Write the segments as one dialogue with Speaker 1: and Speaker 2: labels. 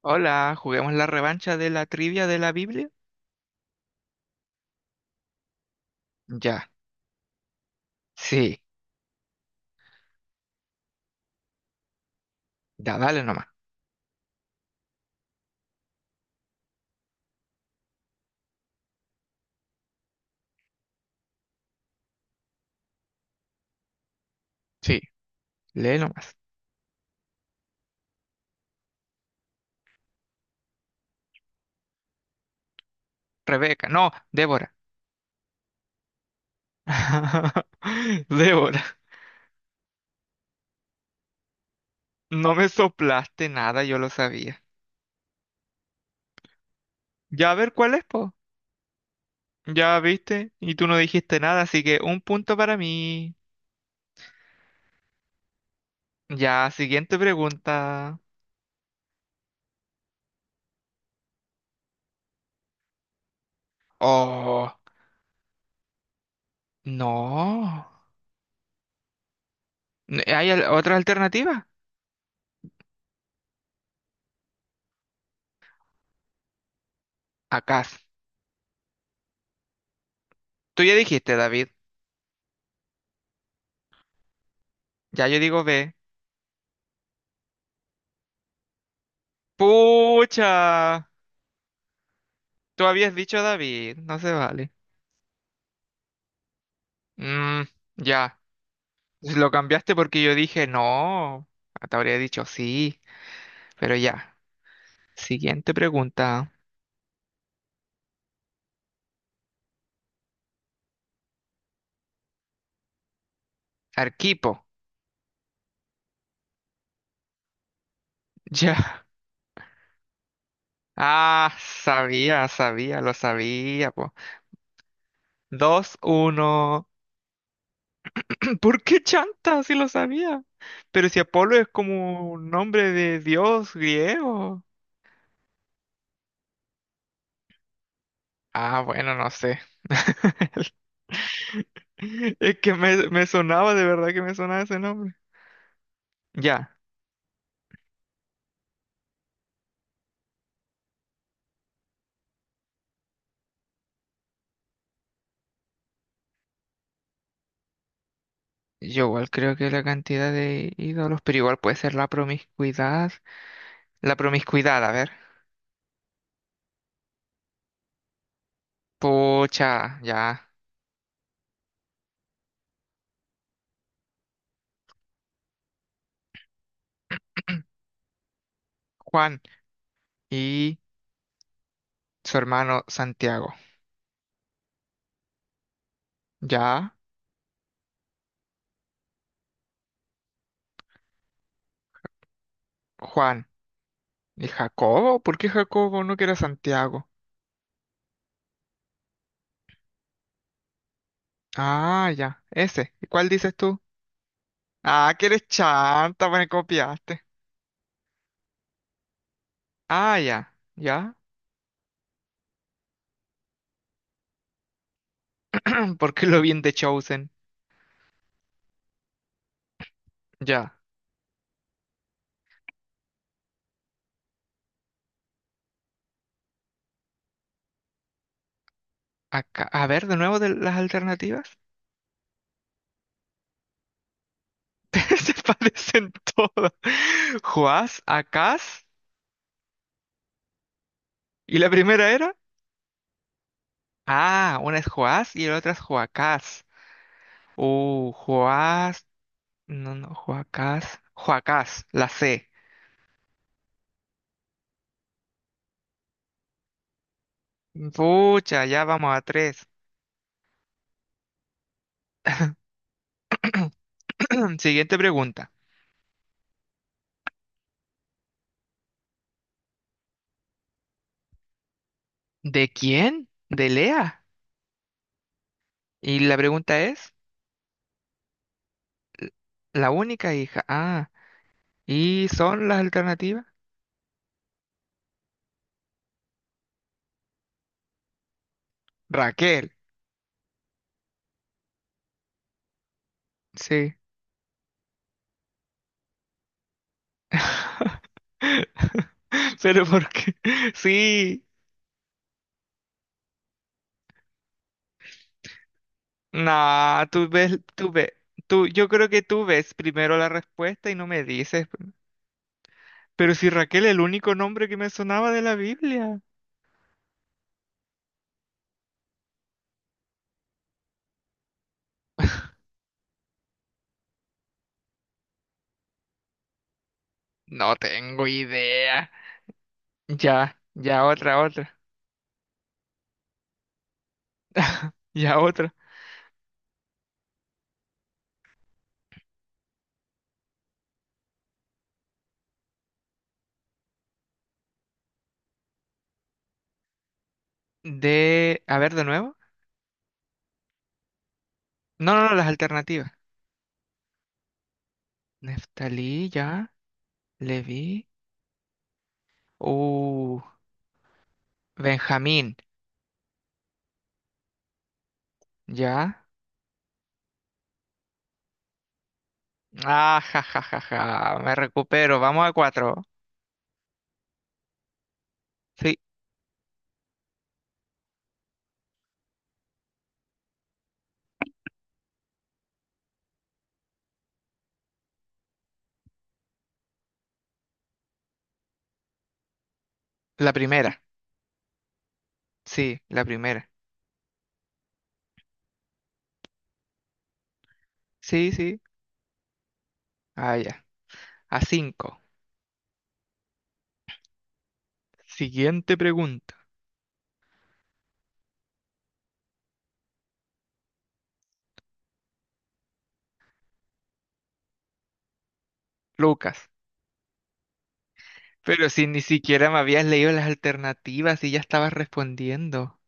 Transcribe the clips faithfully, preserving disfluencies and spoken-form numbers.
Speaker 1: Hola, ¿juguemos la revancha de la trivia de la Biblia? Ya, sí, ya dale nomás. Sí, lee nomás. Rebeca, no, Débora. Débora, no me soplaste nada, yo lo sabía. Ya a ver cuál es, po. Ya viste, y tú no dijiste nada, así que un punto para mí. Ya, siguiente pregunta. Oh, no. ¿Hay al- otra alternativa? Acá. Tú ya dijiste, David. Ya yo digo B. ¡Pucha! Tú habías dicho David, no se vale. Mm, ya. Pues, lo cambiaste porque yo dije no. Te habría dicho sí, pero ya. Siguiente pregunta. Arquipo. Ya. Ah, sabía, sabía, lo sabía, po. Dos uno. ¿Por qué chanta si lo sabía? Pero si Apolo es como un nombre de dios griego. Ah, bueno, no sé. Es que me, me sonaba, de verdad que me sonaba ese nombre. Ya. Yo igual creo que la cantidad de ídolos, pero igual puede ser la promiscuidad. La promiscuidad, a ver. Pucha, ya. Juan y su hermano Santiago. Ya. Juan y Jacobo. ¿Por qué Jacobo no quiere a Santiago? Ah, ya. Ese. ¿Y cuál dices tú? Ah, que eres chanta, pues me copiaste. Ah, ya. Ya. ¿Por qué lo vi en The Chosen? Ya. Acá. A ver, de nuevo de las alternativas. Se parecen todos. Joás, Acaz. ¿Y la primera era? Ah, una es Joás y la otra es Joacás. Uh, Joás. No, no, Joacás. Joacás, la C. Pucha, ya vamos a tres. Siguiente pregunta. ¿De quién? ¿De Lea? Y la pregunta es, l- la única hija. Ah, ¿y son las alternativas? Raquel. Sí. Pero ¿por qué? Sí. Nah, tú ves, tú ves, tú, yo creo que tú ves primero la respuesta y no me dices. Pero si Raquel es el único nombre que me sonaba de la Biblia. No tengo idea. Ya, ya otra, otra. Ya otra. De, a ver, de nuevo. No, no, no, las alternativas. Neftalí, ya. Leví. Uh, Benjamín, ya. Ah, ja, ja, ja, ja. Me recupero. Vamos a cuatro. Sí, la primera. Sí, la primera. Sí, sí. Ah, ya. A cinco. Siguiente pregunta. Lucas, pero si ni siquiera me habías leído las alternativas y ya estabas respondiendo.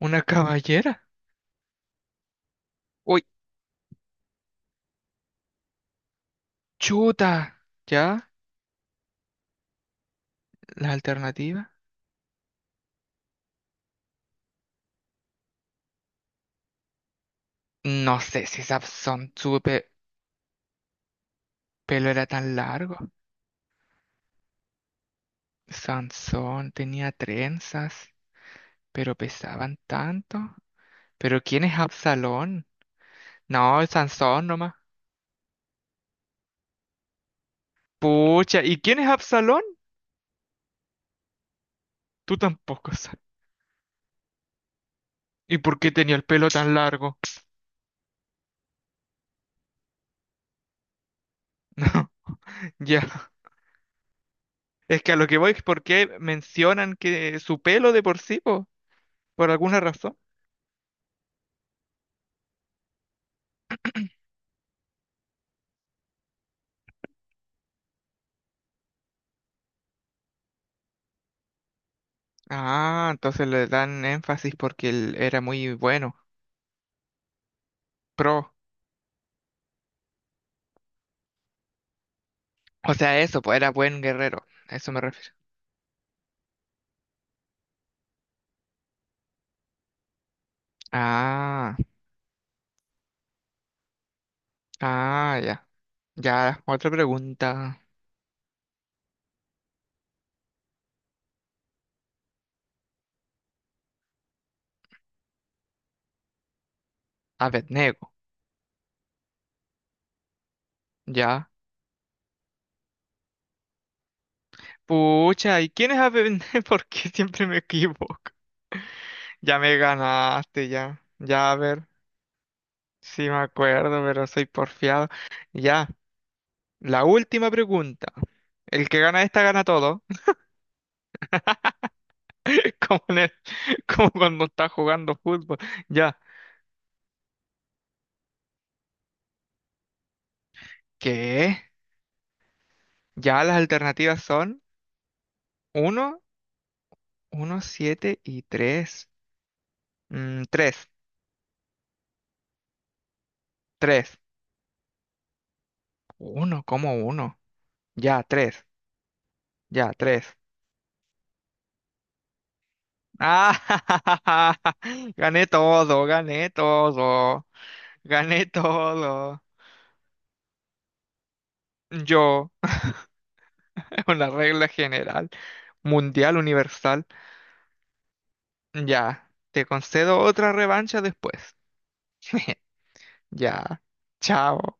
Speaker 1: ¿Una caballera? Uy, chuta. ¿Ya? ¿Las alternativas? No sé si Sansón, su pe- pelo era tan largo. Sansón tenía trenzas, pero pesaban tanto. ¿Pero quién es Absalón? No, es Sansón nomás. Pucha, ¿y quién es Absalón? Tú tampoco sabes. ¿Y por qué tenía el pelo tan largo? No, ya. Es que a lo que voy es porque mencionan que su pelo de por sí, po, por alguna razón. Ah, entonces le dan énfasis porque él era muy bueno, pro. O sea, eso, pues era buen guerrero. A eso me refiero. Ah, ah, ya. Ya, otra pregunta. Abednego, ya. Pucha, ¿y quién es Abednego? Porque siempre me equivoco. Ya me ganaste, ya. Ya, a ver. Sí me acuerdo, pero soy porfiado. Ya. La última pregunta. El que gana esta gana todo. Como, en el- como cuando estás jugando fútbol. Ya. ¿Qué? Ya las alternativas son uno, uno siete y tres. Tres, tres, uno como uno. Ya, tres. Ya, tres. Ah, gané todo, gané todo. Gané todo. Yo, una regla general, mundial, universal. Ya, te concedo otra revancha después. Ya, chao.